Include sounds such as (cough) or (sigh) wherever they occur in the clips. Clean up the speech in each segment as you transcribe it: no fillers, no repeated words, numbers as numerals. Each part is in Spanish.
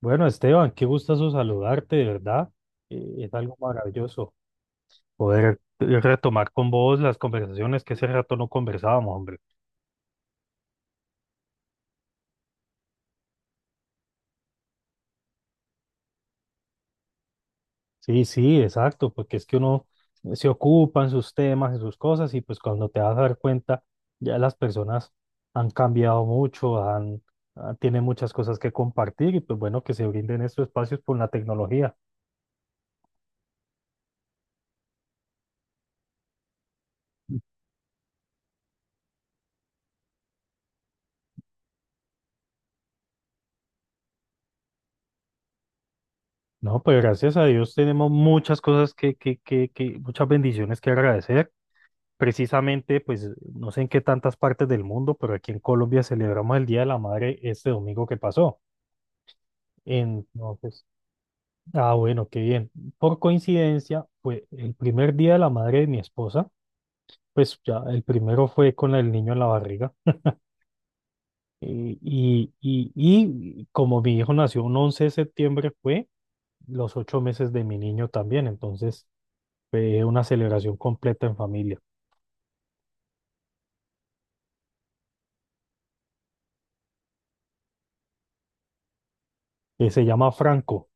Bueno, Esteban, qué gustazo saludarte, de verdad. Es algo maravilloso poder retomar con vos las conversaciones que ese rato no conversábamos, hombre. Sí, sí, exacto, porque es que uno se ocupa en sus temas, en sus cosas, y pues cuando te vas a dar cuenta, ya las personas han cambiado mucho, tienen muchas cosas que compartir, y pues bueno, que se brinden estos espacios por la tecnología. Mm. No, pues gracias a Dios tenemos muchas cosas que, muchas bendiciones que agradecer. Precisamente, pues no sé en qué tantas partes del mundo, pero aquí en Colombia celebramos el Día de la Madre este domingo que pasó. Entonces, ah, bueno, qué bien. Por coincidencia, fue el primer Día de la Madre de mi esposa, pues ya el primero fue con el niño en la barriga. Y como mi hijo nació un 11 de septiembre, fue los 8 meses de mi niño también. Entonces, fue una celebración completa en familia, que se llama Franco.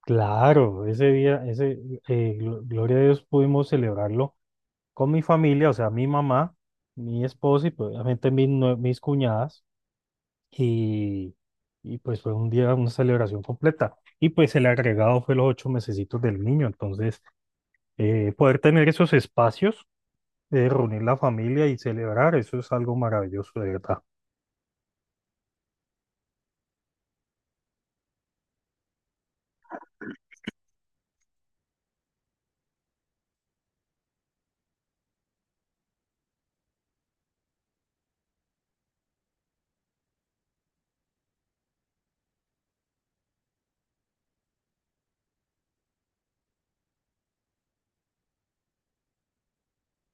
Claro, ese día, gloria a Dios, pudimos celebrarlo con mi familia, o sea, mi mamá, mi esposa y pues, obviamente mis cuñadas. Y, y pues fue un día, una celebración completa. Y pues el agregado fue los 8 mesecitos del niño. Entonces, poder tener esos espacios de reunir la familia y celebrar, eso es algo maravilloso, de verdad.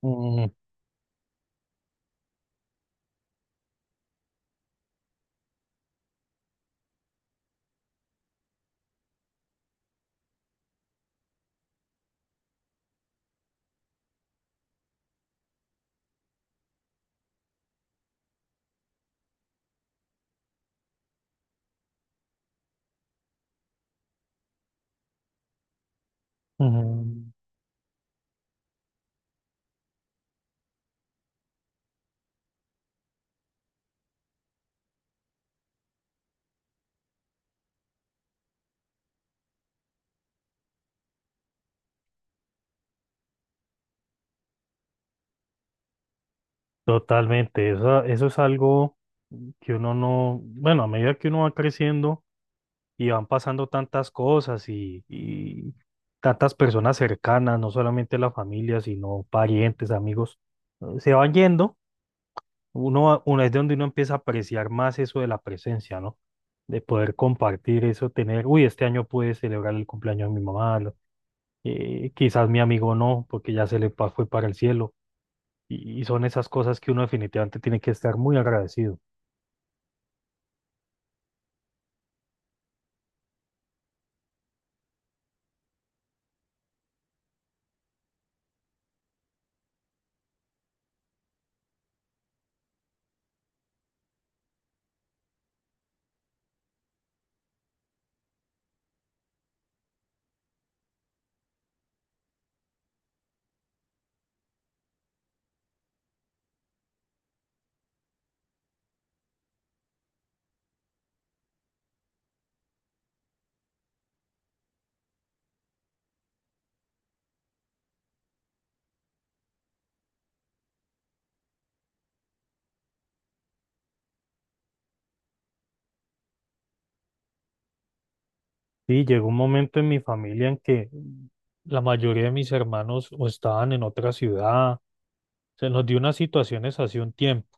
Mm, mm, totalmente, eso es algo que uno no, bueno, a medida que uno va creciendo y van pasando tantas cosas y tantas personas cercanas, no solamente la familia, sino parientes, amigos, se van yendo. Uno es de donde uno empieza a apreciar más eso de la presencia, ¿no? De poder compartir eso, tener, uy, este año pude celebrar el cumpleaños de mi mamá, quizás mi amigo no, porque ya fue para el cielo. Y son esas cosas que uno definitivamente tiene que estar muy agradecido. Sí, llegó un momento en mi familia en que la mayoría de mis hermanos o estaban en otra ciudad, se nos dio unas situaciones hace un tiempo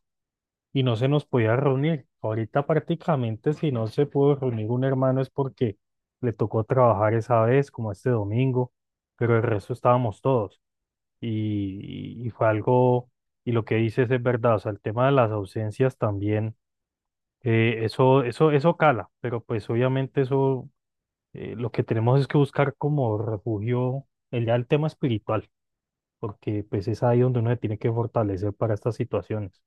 y no se nos podía reunir. Ahorita prácticamente si no se pudo reunir un hermano es porque le tocó trabajar esa vez, como este domingo, pero el resto estábamos todos y fue algo, y lo que dices es verdad, o sea, el tema de las ausencias también, eso cala, pero pues obviamente eso lo que tenemos es que buscar como refugio el, ya el tema espiritual, porque pues es ahí donde uno se tiene que fortalecer para estas situaciones.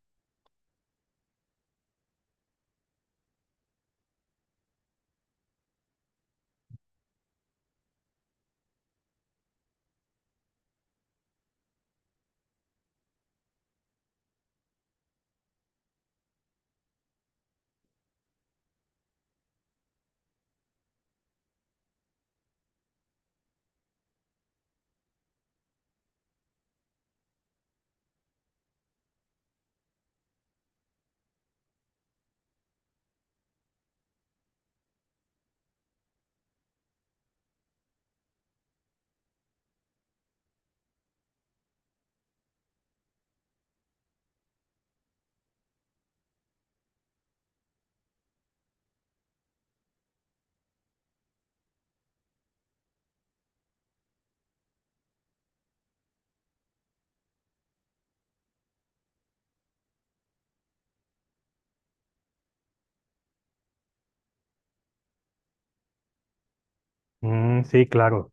Mm, sí, claro.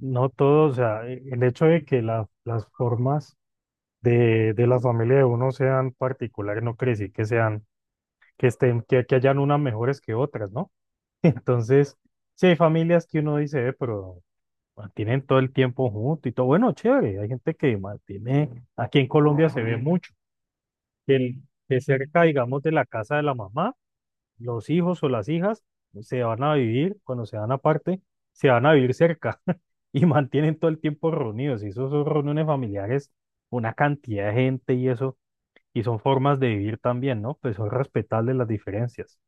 No todo, o sea, el hecho de que las formas de la familia de uno sean particulares no quiere decir que sean, que estén, que hayan unas mejores que otras, ¿no? (laughs) Entonces, sí hay familias que uno dice, pero mantienen todo el tiempo juntos y todo". Bueno, chévere, hay gente que mantiene, aquí en Colombia se ve mucho que, el- que cerca, digamos, de la casa de la mamá, los hijos o las hijas se van a vivir, cuando se van aparte, se van a vivir cerca (laughs) y mantienen todo el tiempo reunidos. Y eso son reuniones familiares, una cantidad de gente y eso, y son formas de vivir también, ¿no? Pues son respetables las diferencias.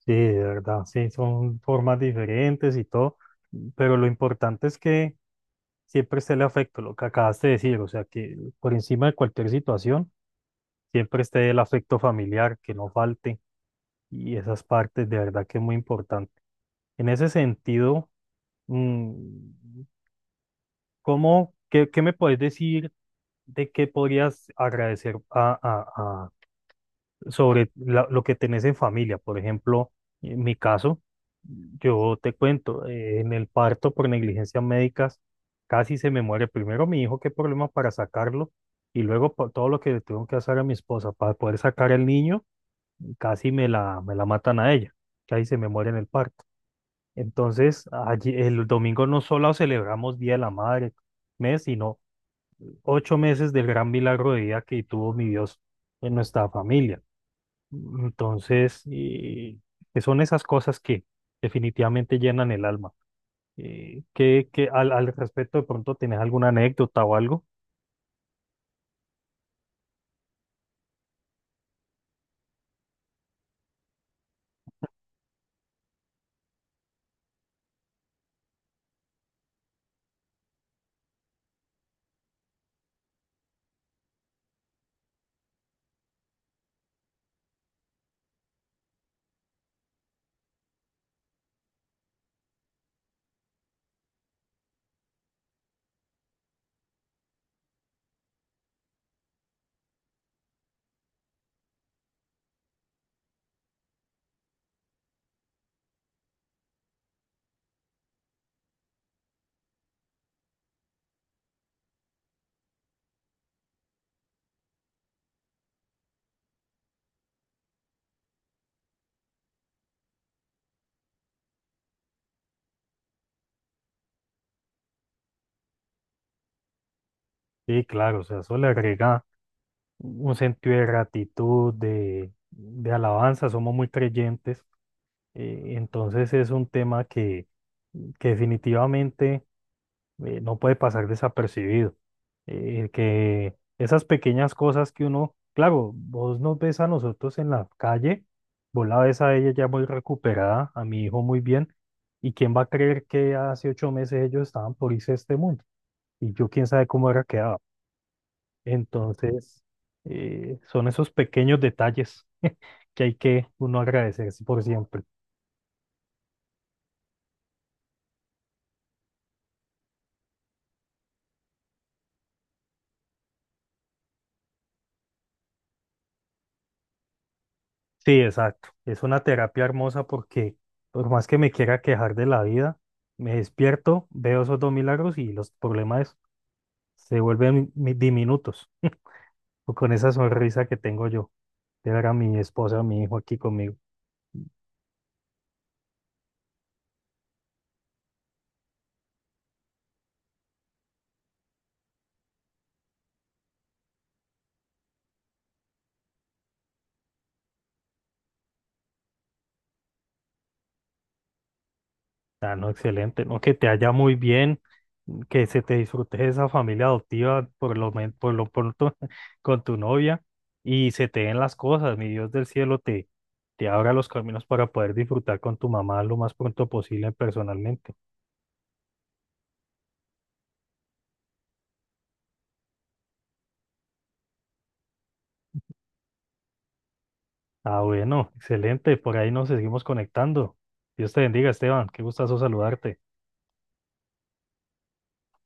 Sí, de verdad, sí, son formas diferentes y todo, pero lo importante es que siempre esté el afecto, lo que acabas de decir, o sea, que por encima de cualquier situación siempre esté el afecto familiar, que no falte, y esas partes de verdad que es muy importante. En ese sentido, mm, ¿cómo, qué me puedes decir de qué podrías agradecer sobre lo que tenés en familia? Por ejemplo, en mi caso, yo te cuento, en el parto por negligencias médicas, casi se me muere primero mi hijo, qué problema para sacarlo, y luego por todo lo que le tuvieron que hacer a mi esposa para poder sacar al niño casi me la matan a ella, que ahí se me muere en el parto. Entonces, allí, el domingo no solo celebramos Día de la Madre, mes, sino 8 meses del gran milagro de vida que tuvo mi Dios en nuestra familia. Entonces, que son esas cosas que definitivamente llenan el alma. Al respecto, de pronto, ¿tenés alguna anécdota o algo? Sí, claro, o sea, eso le agrega un sentido de gratitud, de alabanza, somos muy creyentes. Entonces es un tema que definitivamente no puede pasar desapercibido. Que esas pequeñas cosas que uno, claro, vos nos ves a nosotros en la calle, vos la ves a ella ya muy recuperada, a mi hijo muy bien, y quién va a creer que hace 8 meses ellos estaban por irse a este mundo, y yo quién sabe cómo era quedado. Entonces, son esos pequeños detalles (laughs) que hay que uno agradecerse por siempre. Sí, exacto. Es una terapia hermosa porque por más que me quiera quejar de la vida, me despierto, veo esos dos milagros y los problemas se vuelven diminutos. O con esa sonrisa que tengo yo, que era mi esposa, mi hijo aquí conmigo. Ah, no, excelente, ¿no? Que te haya muy bien, que se te disfrute esa familia adoptiva por por lo pronto (laughs) con tu novia y se te den las cosas, mi Dios del cielo te, te abra los caminos para poder disfrutar con tu mamá lo más pronto posible personalmente. Ah, bueno, excelente, por ahí nos seguimos conectando. Dios te bendiga, Esteban, qué gustazo saludarte.